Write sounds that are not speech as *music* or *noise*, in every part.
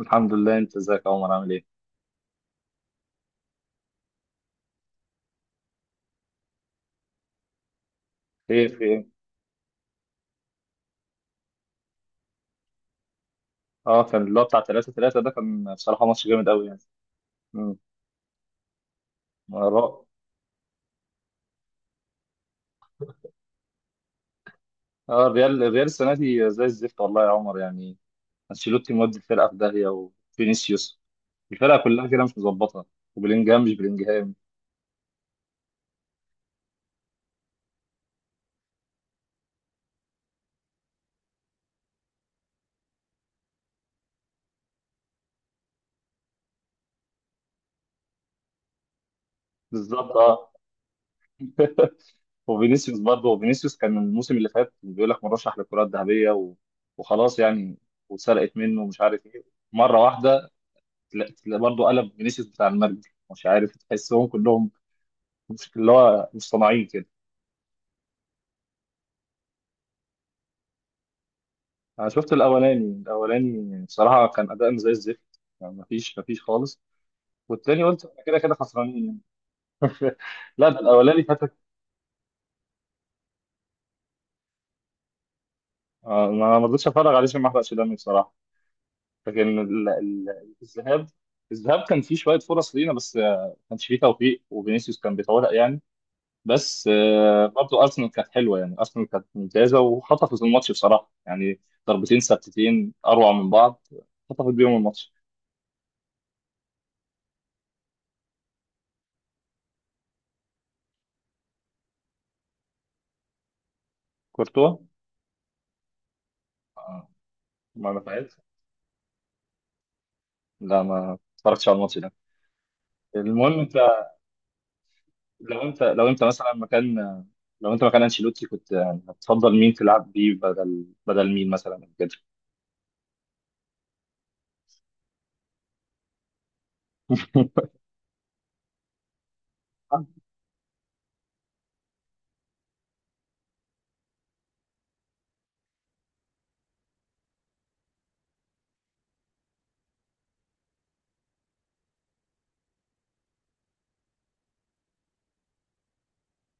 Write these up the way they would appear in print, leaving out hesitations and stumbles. الحمد لله، انت ازيك يا عمر؟ عامل ايه؟ خير، في ايه؟ اه، كان اللي هو بتاع 3-3 ده كان بصراحه ماتش جامد قوي يعني. امم. اه، الريال السنه دي زي الزفت والله يا عمر يعني. انشيلوتي مودي الفرقه في داهيه، وفينيسيوس، الفرقه كلها كده مش مظبطه، وبلينجهام مش بلينجهام. بالظبط اه. وفينيسيوس برضه، وفينيسيوس كان الموسم اللي فات بيقول لك مرشح للكره الذهبيه وخلاص يعني، واتسرقت منه ومش عارف ايه مره واحده. برضه قلب فينيسيوس بتاع المرج، مش عارف تحسهم كلهم مش اللي هو مصطنعين كده. انا شفت الاولاني بصراحه كان اداء زي الزفت يعني، مفيش خالص. والتاني قلت احنا كده كده خسرانين يعني. *laughs* لا، ده الاولاني فاتك. ما رضيتش اتفرج عليه عشان ما احرقش دمي بصراحه. لكن الذهاب كان فيه شويه فرص لينا، بس ما كانش فيه توفيق، وفينيسيوس كان بيتورق يعني. بس برضه ارسنال كانت حلوه يعني، ارسنال كانت ممتازه وخطفت الماتش بصراحه يعني. ضربتين ثابتتين اروع من بعض، خطفت بيهم الماتش. كورتوا آه، ما نفعتش. لا، ما اتفرجتش على الماتش ده. المهم انت، لو انت لو انت مثلا مكان لو انت مكان انشيلوتي، كنت يعني هتفضل مين تلعب بيه بدل مين مثلا كده؟ *laughs*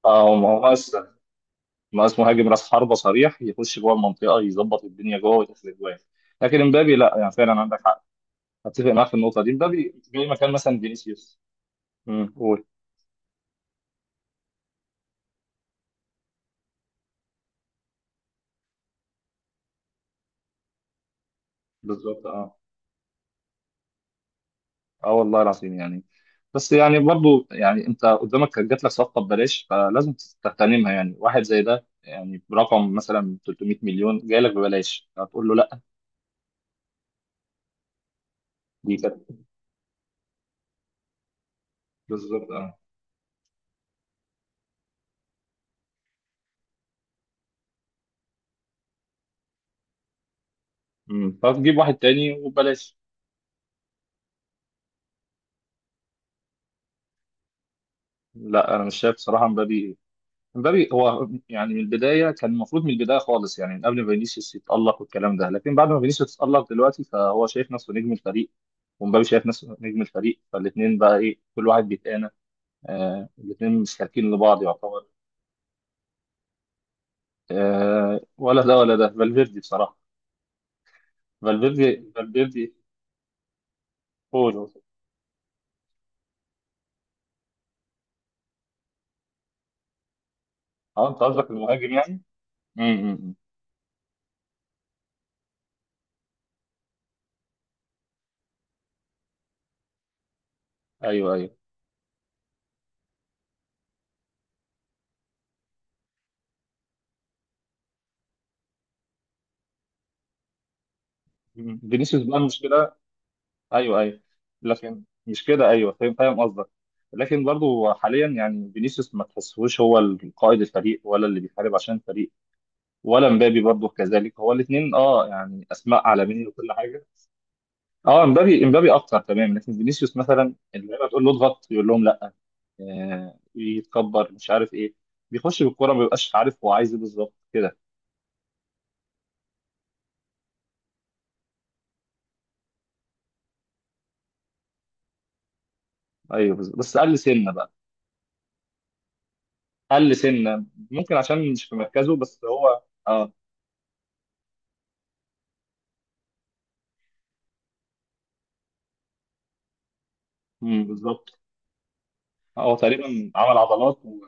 اه، ما هو اصلا ما اسمه مهاجم راس حربة صريح يخش جوه المنطقه يظبط الدنيا جوه ويدخل اجوان، لكن امبابي لا. يعني فعلا عندك حق، اتفق معاك في النقطه دي، امبابي جاي مكان مثلا فينيسيوس. قول. بالظبط اه. اه والله العظيم يعني. بس يعني برضو يعني انت قدامك كانت جات لك صفقه ببلاش، فلازم تغتنمها يعني. واحد زي ده يعني برقم مثلا 300 مليون جاي لك ببلاش، هتقول له لا؟ دي كانت بالظبط اه. امم. فتجيب واحد تاني وببلاش. لا، انا مش شايف صراحه. مبابي، مبابي هو يعني من البدايه كان المفروض، من البدايه خالص يعني، من قبل ما فينيسيوس يتالق والكلام ده، لكن بعد ما فينيسيوس اتالق دلوقتي، فهو شايف نفسه نجم الفريق، ومبابي شايف نفسه نجم الفريق، فالاثنين بقى ايه، كل واحد بيتقانى. آه، الاثنين مشتركين لبعض يعتبر. آه، ولا ده ولا ده، فالفيردي بصراحة. فالفيردي، فالفيردي. قول، قول. اه، انت قصدك المهاجم يعني؟ امم. ايوه، ايوه. مم. فينيسيوس بقى المشكلة. ايوه، ايوه. لكن مش كده، ايوه، فاهم، فاهم قصدك. لكن برضه حاليا يعني فينيسيوس ما تحسهوش هو قائد الفريق، ولا اللي بيحارب عشان الفريق، ولا مبابي برضه كذلك. هو الاثنين اه يعني اسماء عالمية وكل حاجة. اه، امبابي، امبابي اكتر تمام. لكن فينيسيوس مثلا اللعيبه تقول له اضغط يقول لهم لا. يتكبر مش عارف ايه، بيخش بالكوره ما بيبقاش عارف هو عايز ايه بالظبط كده. ايوه، بالظبط. بس قل سنه بقى، قل سنه ممكن عشان مش في مركزه، بس هو اه. مم، بالظبط. هو تقريبا عمل عضلات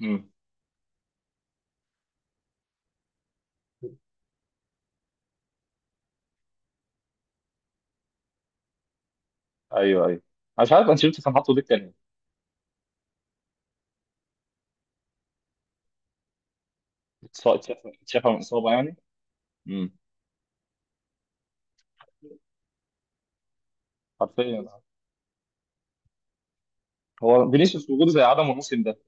مم. ايوه، ايوه. أنا مش عارف انشيلوتي كان حاطه دكه ليه. اتشاف، اتشاف من اصابه يعني. مم. حرفيا. هو فينيسيوس وجوده زي عدمه الموسم ده.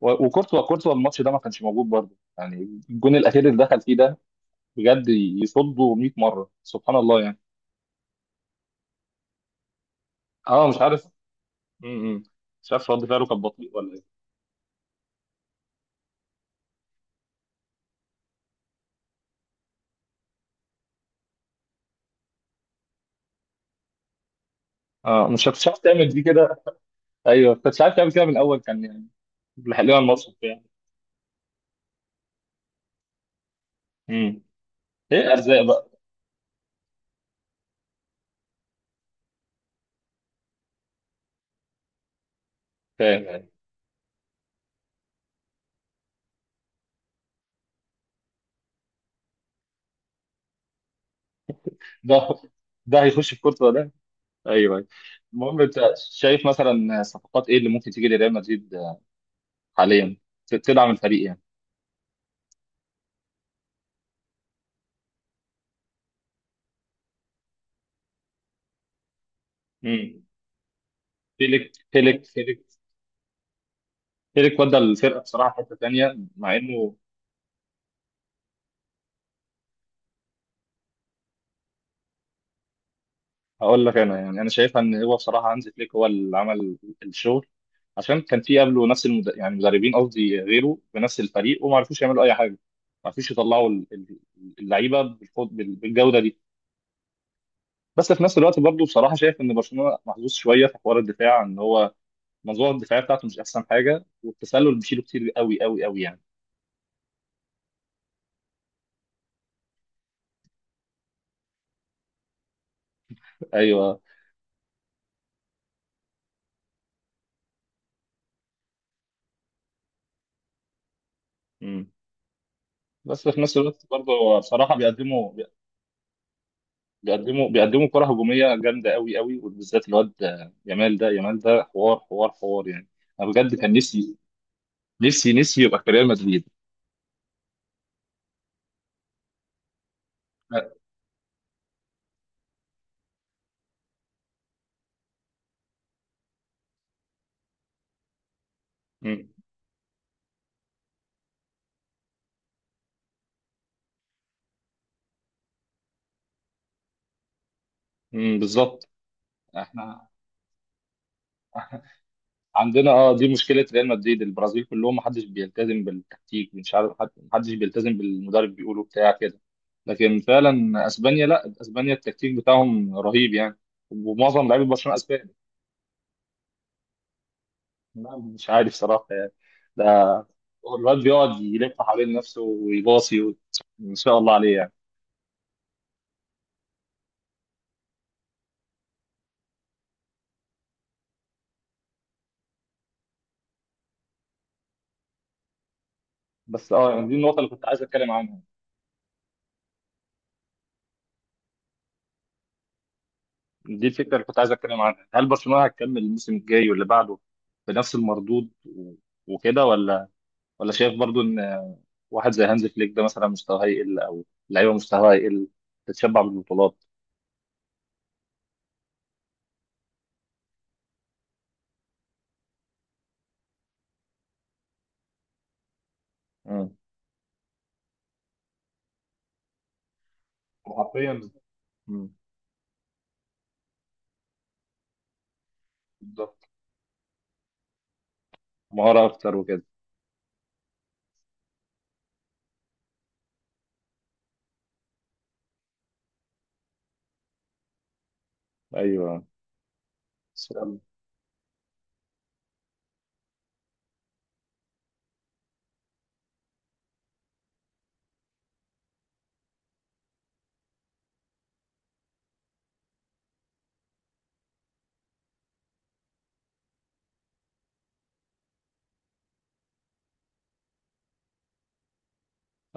وكورتوا الماتش ده ما كانش موجود برضه يعني. الجون الاخير اللي دخل فيه ده بجد يصده 100 مره، سبحان الله يعني. اه، مش عارف. م- م. مش عارف رد فعله كان بطيء ولا ايه. اه، مش عارف تعمل دي كده. ايوه، كنت عارف تعمل كده من الاول، كان يعني لحق لنا الماتش يعني. امم ايه ارزاق بقى. فاهم يعني. ده ده هيخش في كورتوا ده. ايوه، أيوة. المهم انت شايف مثلا صفقات ايه اللي ممكن تيجي لريال مدريد حاليا تدعم الفريق يعني. امم فيليك، ايريك، ودى الفرقه بصراحه في حته تانيه مع انه. هقول لك انا يعني، انا شايفها ان هو بصراحه هانز فليك هو اللي عمل الشغل، عشان كان في قبله نفس يعني مدربين، قصدي غيره، بنفس الفريق وما عرفوش يعملوا اي حاجه، ما عرفوش يطلعوا اللعيبه بالجوده دي. بس في نفس الوقت برضه بصراحه شايف ان برشلونه محظوظ شويه في حوار الدفاع، ان هو المنظومه الدفاعيه بتاعته مش احسن حاجه، والتسلل بيشيله كتير قوي قوي قوي يعني. ايوه. مم. بس في نفس الوقت برضه هو بصراحه بيقدموا كرة هجومية جامدة قوي قوي، وبالذات الواد يامال ده، يامال ده حوار، حوار حوار يعني. انا بجد كان نفسي، نفسي نفسي يبقى في ريال مدريد. أمم، أمم، بالظبط. احنا عندنا دي مشكلة ريال مدريد. البرازيل كلهم محدش بيلتزم بالتكتيك، مش عارف محدش بيلتزم بالمدرب بيقوله بتاع كده. لكن فعلا اسبانيا، لا، اسبانيا التكتيك بتاعهم رهيب يعني، ومعظم لعيبة برشلونة اسبان. لا، مش عارف صراحة يعني. الواد بيقعد يلف حوالين نفسه ويباصي ان شاء الله عليه يعني. بس يعني دي النقطه اللي كنت عايز اتكلم عنها، دي الفكره اللي كنت عايز اتكلم عنها. هل برشلونه هتكمل الموسم الجاي واللي بعده بنفس المردود وكده، ولا شايف برضو ان واحد زي هانز فليك ده مثلا مستواه هيقل، او لعيبه مستواها هيقل، تتشبع بالبطولات. امم حرفيا. امم، بالظبط. مهاره اكتر وكده. ايوه. سلام.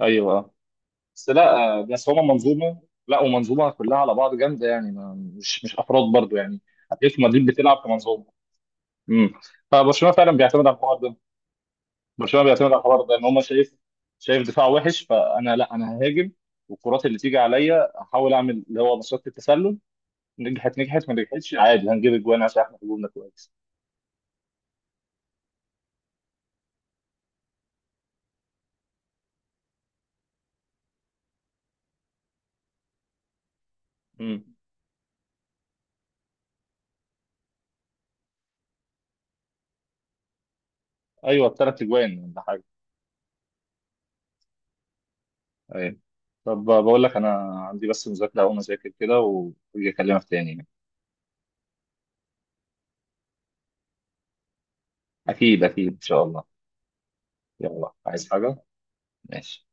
ايوه. بس لا بس هما منظومه. لا، ومنظومه كلها على بعض جامده يعني، ما مش افراد برضو يعني. اتلتيكو مدريد بتلعب كمنظومه. امم فبرشلونه فعلا بيعتمد على الحوار ده. برشلونه بيعتمد على الحوار ده، ان هما شايف دفاع وحش، فانا لا، انا ههاجم. والكرات اللي تيجي عليا احاول اعمل اللي هو مصيده التسلل، نجحت نجحت ما نجحتش عادي هنجيب اجوان عشان احنا هجومنا كويس. امم. ايوه، الثلاث اجوان ولا حاجه. ايوه. طب بقول لك انا عندي بس مذاكره، اقوم اذاكر كده واجي اكلمك تاني يعني. اكيد، اكيد ان شاء الله. يلا، عايز حاجة؟ ماشي.